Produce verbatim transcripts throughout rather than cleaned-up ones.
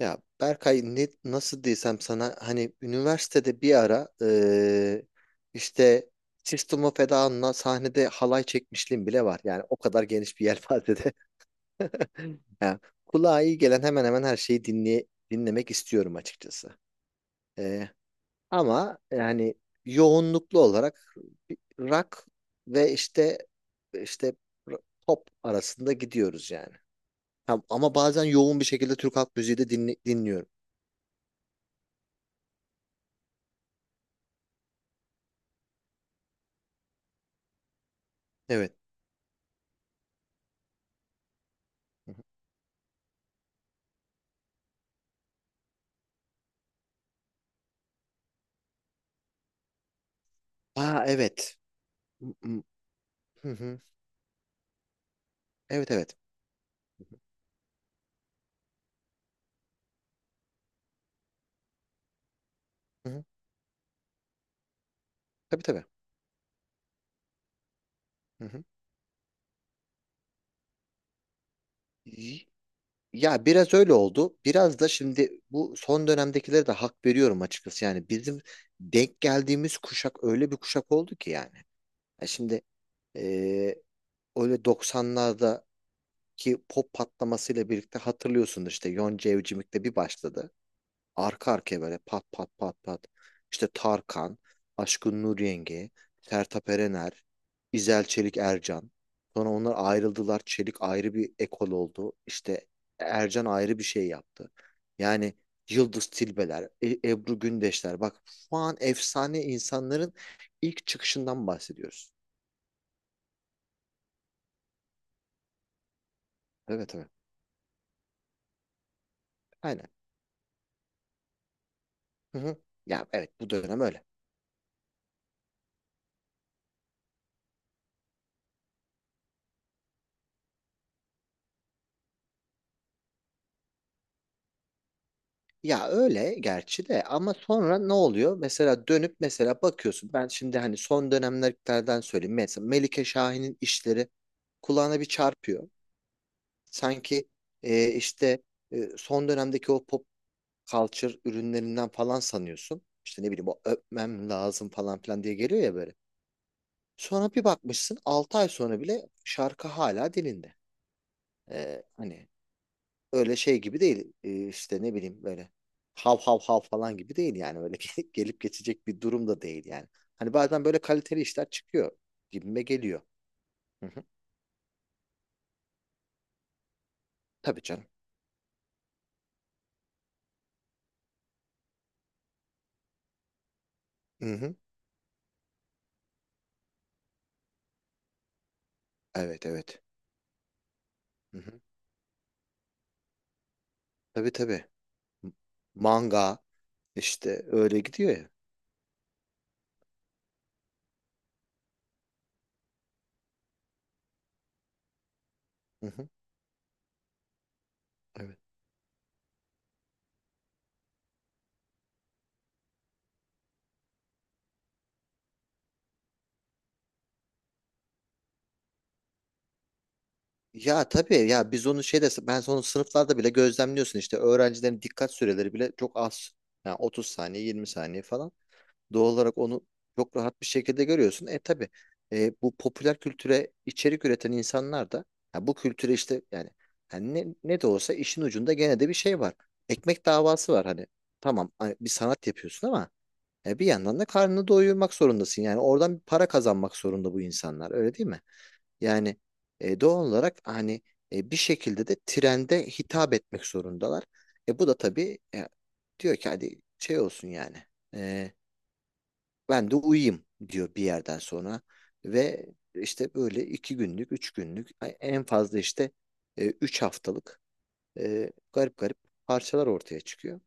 Ya Berkay ne, nasıl desem sana hani üniversitede bir ara eee, işte System of a Down'la sahnede halay çekmişliğim bile var. Yani o kadar geniş bir yelpazede. Yani kulağa iyi gelen hemen hemen her şeyi dinley dinlemek istiyorum açıkçası. Eee, Ama yani yoğunluklu olarak rock ve işte işte pop arasında gidiyoruz yani. Ha, ama bazen yoğun bir şekilde Türk halk müziği de dinli- dinliyorum. Evet. Hı hı. Aa, evet. Hı hı. Hı hı. Evet, evet. Hı hı. Tabii, tabii. Hı hı. Y- Ya biraz öyle oldu. Biraz da şimdi bu son dönemdekilere de hak veriyorum açıkçası. Yani bizim denk geldiğimiz kuşak öyle bir kuşak oldu ki yani. Ya şimdi eee, öyle doksanlardaki pop patlamasıyla birlikte hatırlıyorsunuz işte Yonca Evcimik'te bir başladı. Arka arkaya böyle pat pat pat pat. İşte Tarkan, Aşkın Nur Yenge, Sertab Erener, İzel Çelik Ercan. Sonra onlar ayrıldılar. Çelik ayrı bir ekol oldu. İşte Ercan ayrı bir şey yaptı. Yani Yıldız Tilbeler, E- Ebru Gündeşler. Bak şu an efsane insanların ilk çıkışından bahsediyoruz. Evet, evet. Aynen. Hı hı. Ya evet, bu dönem öyle. Ya öyle gerçi de ama sonra ne oluyor? Mesela dönüp mesela bakıyorsun. Ben şimdi hani son dönemlerden söyleyeyim. Mesela Melike Şahin'in işleri kulağına bir çarpıyor. Sanki e, işte e, son dönemdeki o pop culture ürünlerinden falan sanıyorsun. İşte ne bileyim o öpmem lazım falan filan diye geliyor ya böyle. Sonra bir bakmışsın altı ay sonra bile şarkı hala dilinde. E, hani öyle şey gibi değil. Ee, işte ne bileyim böyle hav hav hav falan gibi değil yani. Öyle gelip gelip geçecek bir durum da değil yani. Hani bazen böyle kaliteli işler çıkıyor gibime geliyor. Hı hı. Tabii canım. Hı hı. Evet, evet. Hı hı. Tabii, tabii. M- Manga işte öyle gidiyor ya. Hı hı. Evet. Ya tabii ya biz onu şeyde ben onu sınıflarda bile gözlemliyorsun işte öğrencilerin dikkat süreleri bile çok az. Yani otuz saniye yirmi saniye falan. Doğal olarak onu çok rahat bir şekilde görüyorsun. E tabii e, bu popüler kültüre içerik üreten insanlar da ya bu kültüre işte yani, yani ne, ne de olsa işin ucunda gene de bir şey var. Ekmek davası var hani. Tamam hani bir sanat yapıyorsun ama e, bir yandan da karnını doyurmak zorundasın. Yani oradan bir para kazanmak zorunda bu insanlar, öyle değil mi? Yani e, doğal olarak hani e, bir şekilde de trende hitap etmek zorundalar. E bu da tabii, e, diyor ki hadi şey olsun yani. E, Ben de uyuyayım diyor bir yerden sonra ve işte böyle iki günlük, üç günlük en fazla işte e, üç haftalık e, garip garip parçalar ortaya çıkıyor.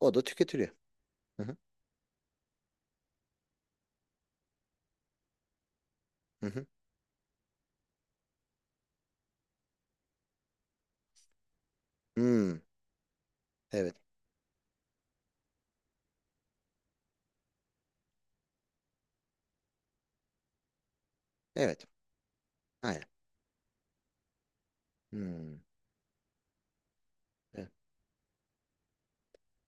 O da tüketiliyor. Hı hı, hı hı. Hmm, evet, evet, aynen. Hmm, evet.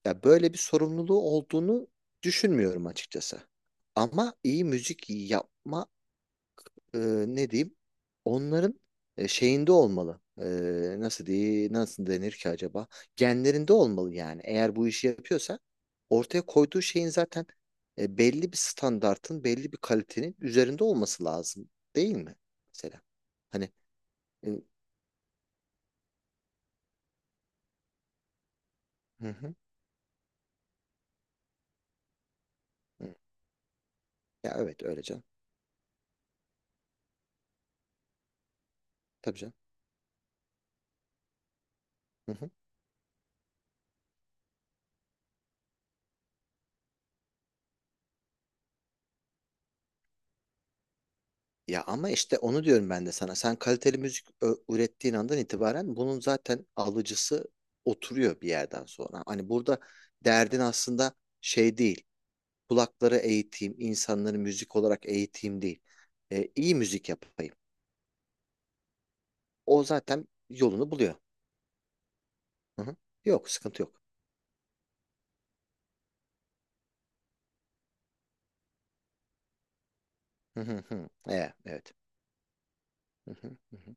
Ya böyle bir sorumluluğu olduğunu düşünmüyorum açıkçası. Ama iyi müzik yapma e, ne diyeyim? Onların e, şeyinde olmalı. E, nasıl diye nasıl denir ki acaba? Genlerinde olmalı yani. Eğer bu işi yapıyorsa ortaya koyduğu şeyin zaten e, belli bir standartın, belli bir kalitenin üzerinde olması lazım, değil mi? Mesela. Hani e, hı hı, hı. Ya evet, öyle canım. Tabii canım. Hı hı. Ya ama işte onu diyorum ben de sana. Sen kaliteli müzik ö- ürettiğin andan itibaren bunun zaten alıcısı oturuyor bir yerden sonra. Hani burada derdin aslında şey değil. Kulakları eğiteyim, insanları müzik olarak eğiteyim değil. E, iyi müzik yapayım. O zaten yolunu buluyor. Hı hı. Yok, sıkıntı yok. Hı hı hı. E, evet. Hı hı hı. Hı.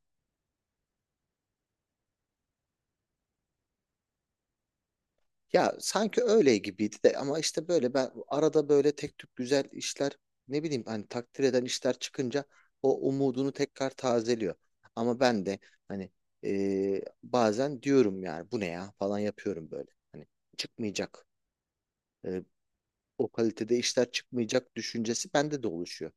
Ya sanki öyle gibiydi de ama işte böyle ben arada böyle tek tük güzel işler ne bileyim hani takdir eden işler çıkınca o umudunu tekrar tazeliyor. Ama ben de hani e, bazen diyorum yani bu ne ya falan yapıyorum böyle. Hani çıkmayacak. e, O kalitede işler çıkmayacak düşüncesi bende de oluşuyor.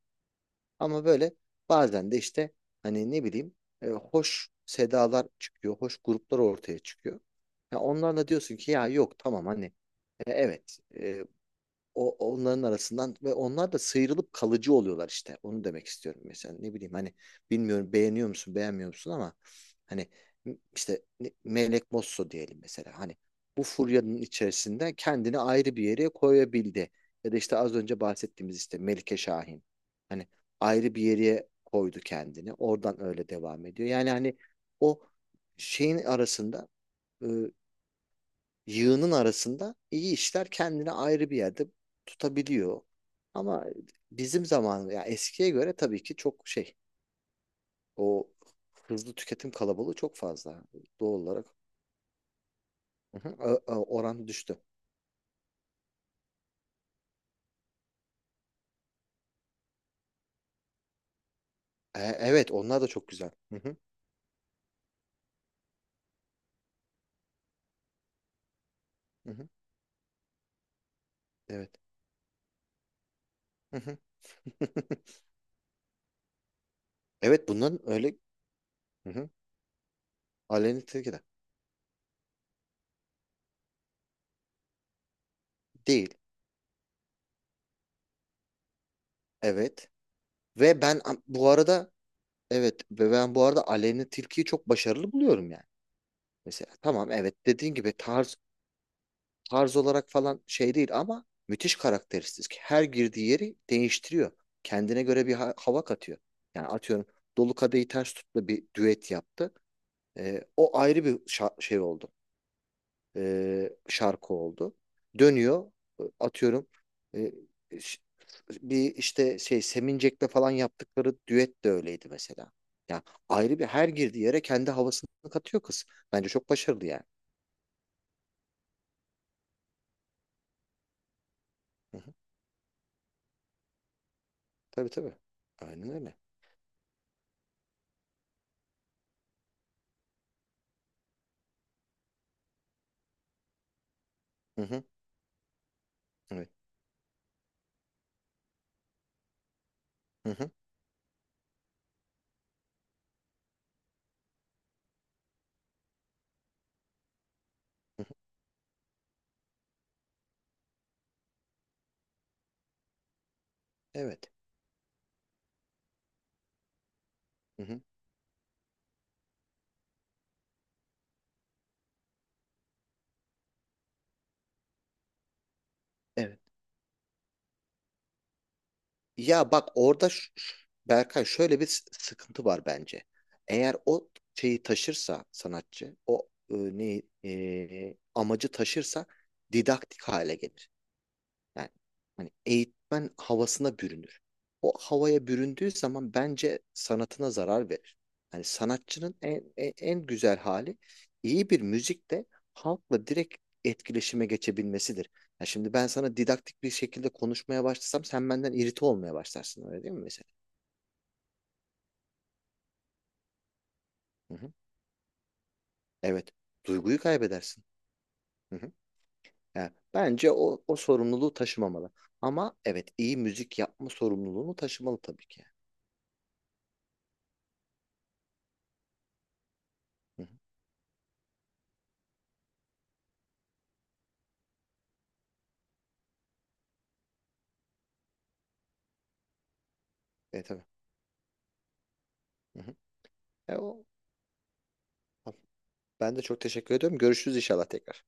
Ama böyle bazen de işte hani ne bileyim e, hoş sedalar çıkıyor, hoş gruplar ortaya çıkıyor. Ya onlarla diyorsun ki ya yok tamam hani e, evet e, o onların arasından ve onlar da sıyrılıp kalıcı oluyorlar işte. Onu demek istiyorum mesela. Ne bileyim hani bilmiyorum beğeniyor musun, beğenmiyor musun ama hani işte ne- Melek Mosso diyelim mesela. Hani bu furyanın içerisinde kendini ayrı bir yere koyabildi. Ya da işte az önce bahsettiğimiz işte Melike Şahin. Hani ayrı bir yere koydu kendini. Oradan öyle devam ediyor. Yani hani o şeyin arasında e, yığının arasında iyi işler kendini ayrı bir yerde tutabiliyor. Ama bizim zaman ya eskiye göre tabii ki çok şey o hızlı tüketim kalabalığı çok fazla doğal olarak. Hı hı, ö- ö- oran düştü. E, evet, onlar da çok güzel. Hı hı, hı hı, evet. Hı hı. Evet, bunların öyle hı hı, Aleni Tilki de değil. Evet. Ve ben am- bu arada evet ve ben bu arada Aleni Tilkiyi çok başarılı buluyorum yani. Mesela tamam evet dediğin gibi tarz tarz olarak falan şey değil ama müthiş karakteristik. Her girdiği yeri değiştiriyor. Kendine göre bir ha- hava katıyor. Yani atıyorum Dolu Kadehi Ters Tut'la bir düet yaptı. Ee, o ayrı bir şa- şey oldu. Ee, şarkı oldu. Dönüyor e, atıyorum e, ş- bir işte şey Semincek'le falan yaptıkları düet de öyleydi mesela. Yani ayrı bir her girdiği yere kendi havasını katıyor kız. Bence çok başarılı yani. Hı hı. Tabii, tabii. Aynen öyle. Hı hı. Evet. Hı hı, hı hı. Evet. Hı hı, evet. Ya bak orada ş- ş- Berkay şöyle bir s- sıkıntı var bence. Eğer o şeyi taşırsa sanatçı, o e, ne e, amacı taşırsa didaktik hale gelir. Yani hani eğitmen havasına bürünür. O havaya büründüğü zaman bence sanatına zarar verir. Hani sanatçının en, en, en güzel hali iyi bir müzikte halkla direkt etkileşime geçebilmesidir. Ya şimdi ben sana didaktik bir şekilde konuşmaya başlasam sen benden irite olmaya başlarsın öyle değil mi mesela? Hı hı. Evet. Duyguyu kaybedersin. Hı hı. Yani bence o, o sorumluluğu taşımamalı. Ama evet iyi müzik yapma sorumluluğunu taşımalı tabii ki. Hı hı. E tabii. Hı hı. E, o, Tamam. Ben de çok teşekkür ediyorum. Görüşürüz inşallah tekrar.